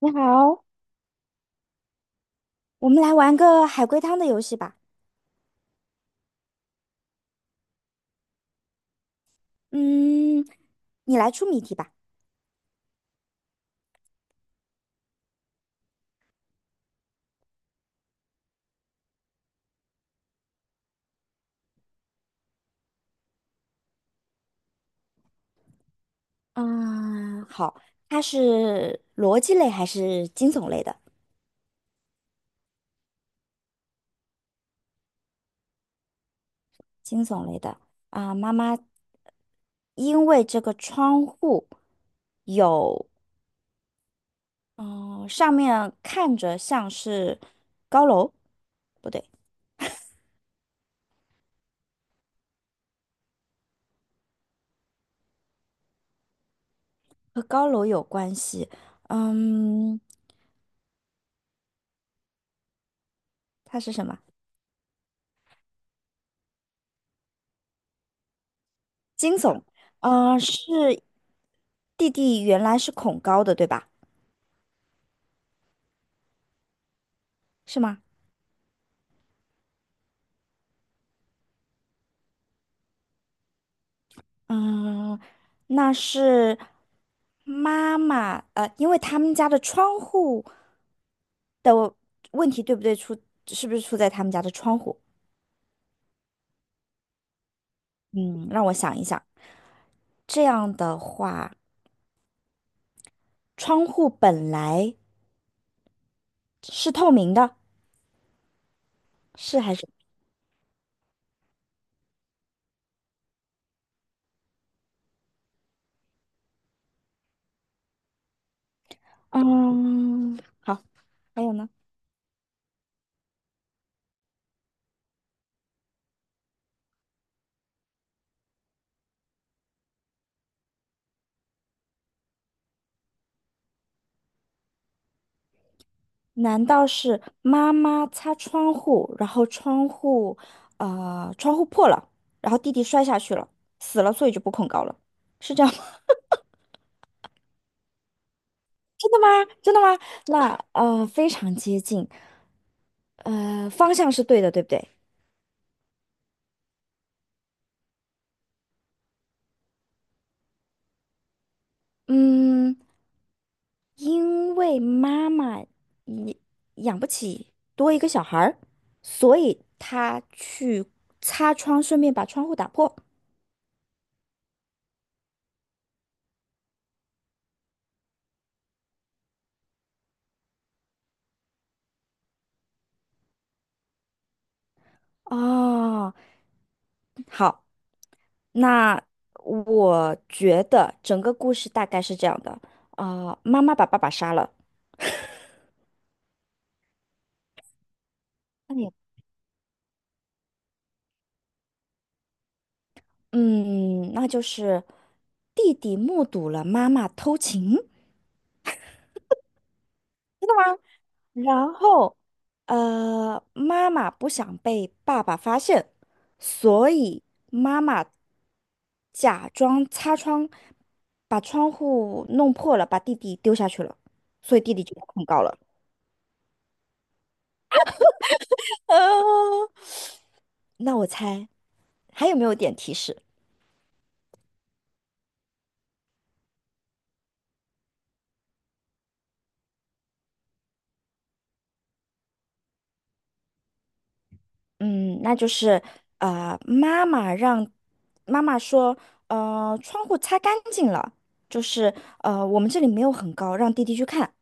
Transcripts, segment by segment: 你好，我们来玩个海龟汤的游戏吧。嗯，你来出谜题吧。啊，好，它是逻辑类还是惊悚类的？惊悚类的啊，妈妈因为这个窗户有，嗯、上面看着像是高楼，不对，和高楼有关系。嗯，它是什么？惊悚。嗯、是弟弟原来是恐高的，对吧？是吗？嗯，那是妈妈，因为他们家的窗户的问题，对不对？出，是不是出在他们家的窗户？嗯，让我想一想。这样的话，窗户本来是透明的，是还是？嗯，好，还有呢？难道是妈妈擦窗户，然后窗户，窗户破了，然后弟弟摔下去了，死了，所以就不恐高了，是这样吗？真的吗？真的吗？那非常接近，方向是对的，对不对？嗯，因为妈妈也养不起多一个小孩儿，所以她去擦窗，顺便把窗户打破。哦，好。那我觉得整个故事大概是这样的，妈妈把爸爸杀了，那你嗯，那就是弟弟目睹了妈妈偷情，然后妈妈不想被爸爸发现，所以妈妈假装擦窗，把窗户弄破了，把弟弟丢下去了，所以弟弟就被控告了。呃，那我猜还有没有点提示？嗯，那就是妈妈让妈妈说，窗户擦干净了，就是呃，我们这里没有很高，让弟弟去看，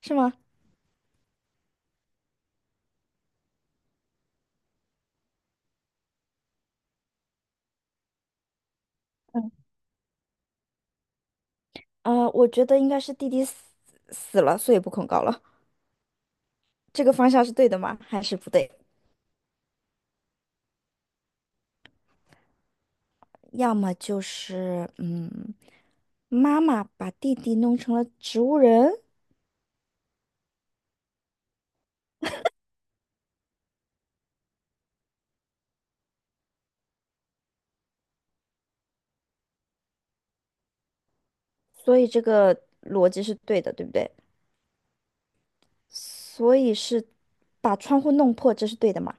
是吗？我觉得应该是弟弟死死了，所以不恐高了。这个方向是对的吗？还是不对？要么就是嗯，妈妈把弟弟弄成了植物人，所以这个逻辑是对的，对不对？所以是把窗户弄破，这是对的吗？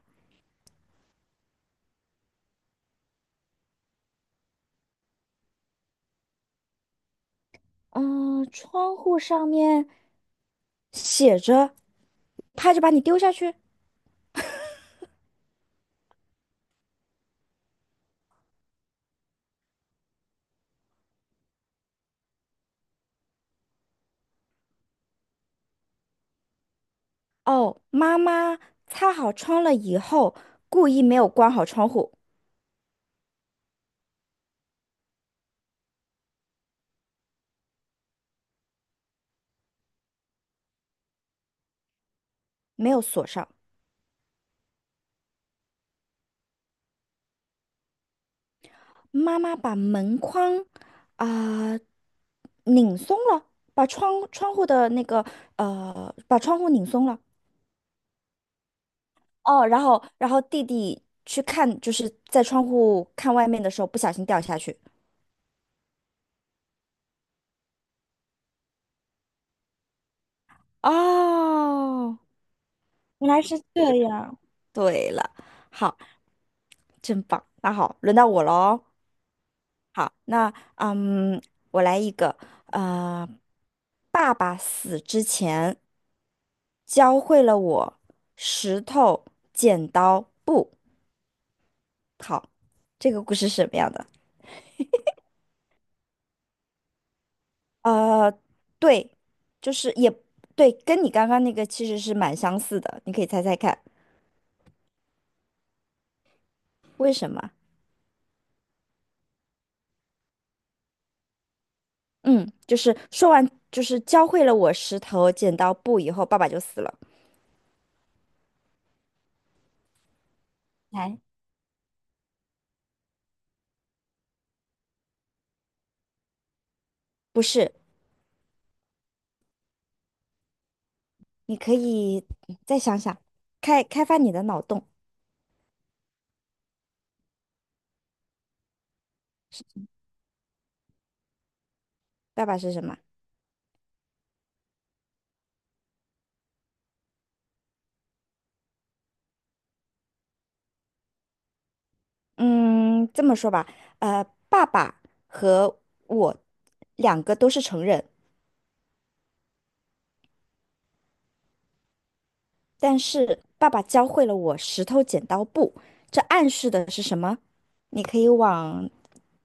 嗯，窗户上面写着，他就把你丢下去。哦，妈妈擦好窗了以后，故意没有关好窗户，没有锁上。妈妈把门框啊、拧松了，把窗户的那个把窗户拧松了。哦，然后弟弟去看，就是在窗户看外面的时候不小心掉下去。哦，原来是这样。对了，好，真棒。那好，轮到我喽。好，那嗯，我来一个，呃，爸爸死之前教会了我石头、剪刀、布。好，这个故事是什么样的？呃，对，就是也对，跟你刚刚那个其实是蛮相似的，你可以猜猜看，为什么？嗯，就是说完，就是教会了我石头剪刀布以后，爸爸就死了。来，不是，你可以嗯再想想，开开发你的脑洞。爸爸是什么？嗯，这么说吧，呃，爸爸和我两个都是成人，但是爸爸教会了我石头剪刀布，这暗示的是什么？你可以往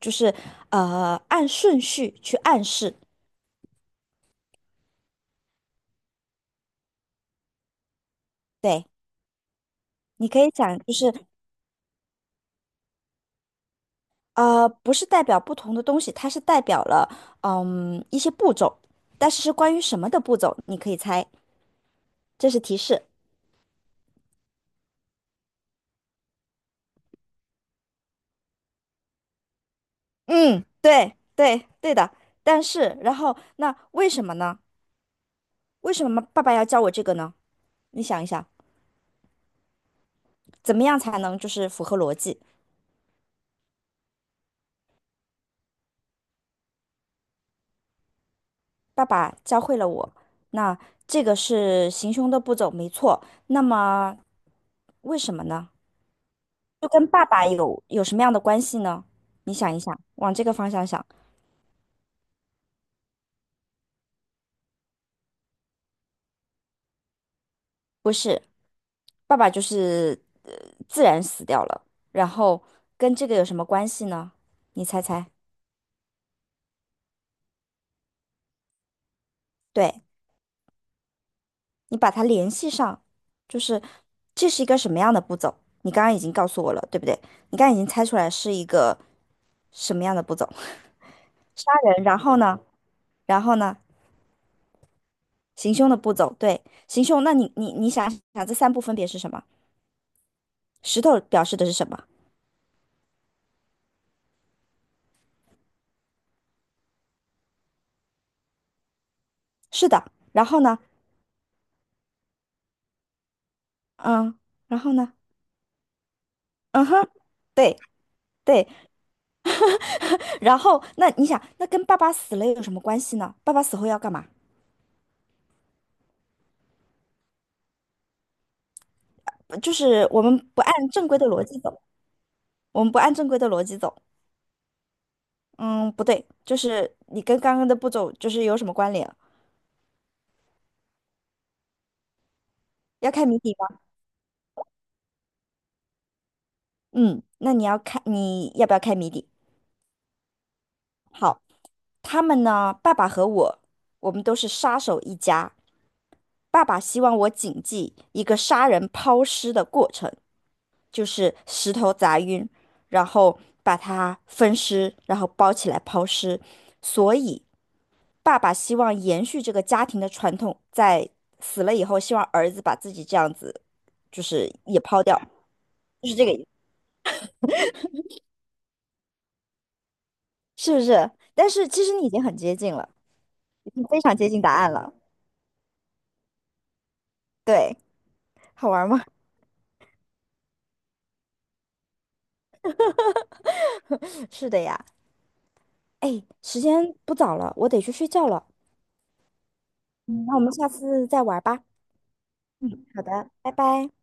就是按顺序去暗示，对，你可以讲，就是不是代表不同的东西，它是代表了嗯一些步骤，但是是关于什么的步骤，你可以猜，这是提示。嗯，对的，但是然后那为什么呢？为什么爸爸要教我这个呢？你想一想，怎么样才能就是符合逻辑？爸爸教会了我，那这个是行凶的步骤，没错。那么为什么呢？就跟爸爸有什么样的关系呢？你想一想，往这个方向想，不是。爸爸就是自然死掉了，然后跟这个有什么关系呢？你猜猜，对，你把它联系上，就是这是一个什么样的步骤？你刚刚已经告诉我了，对不对？你刚刚已经猜出来是一个什么样的步骤？杀人，然后呢？然后呢？行凶的步骤，对，行凶。那你想想，这三步分别是什么？石头表示的是什么？是的，然后呢？嗯，然后呢？嗯哼，对对，然后，那你想，那跟爸爸死了有什么关系呢？爸爸死后要干嘛？就是我们不按正规的逻辑走，我们不按正规的逻辑走。嗯，不对，就是你跟刚刚的步骤就是有什么关联？要开谜底吗？嗯，那你要开，你要不要开谜底？好，他们呢，爸爸和我，我们都是杀手一家。爸爸希望我谨记一个杀人抛尸的过程，就是石头砸晕，然后把它分尸，然后包起来抛尸。所以，爸爸希望延续这个家庭的传统，在死了以后，希望儿子把自己这样子，就是也抛掉，就是这个意思，是不是？但是其实你已经很接近了，已经非常接近答案了。对，好玩吗？是的呀。哎，时间不早了，我得去睡觉了。嗯那我们下次再玩吧。好的，拜拜。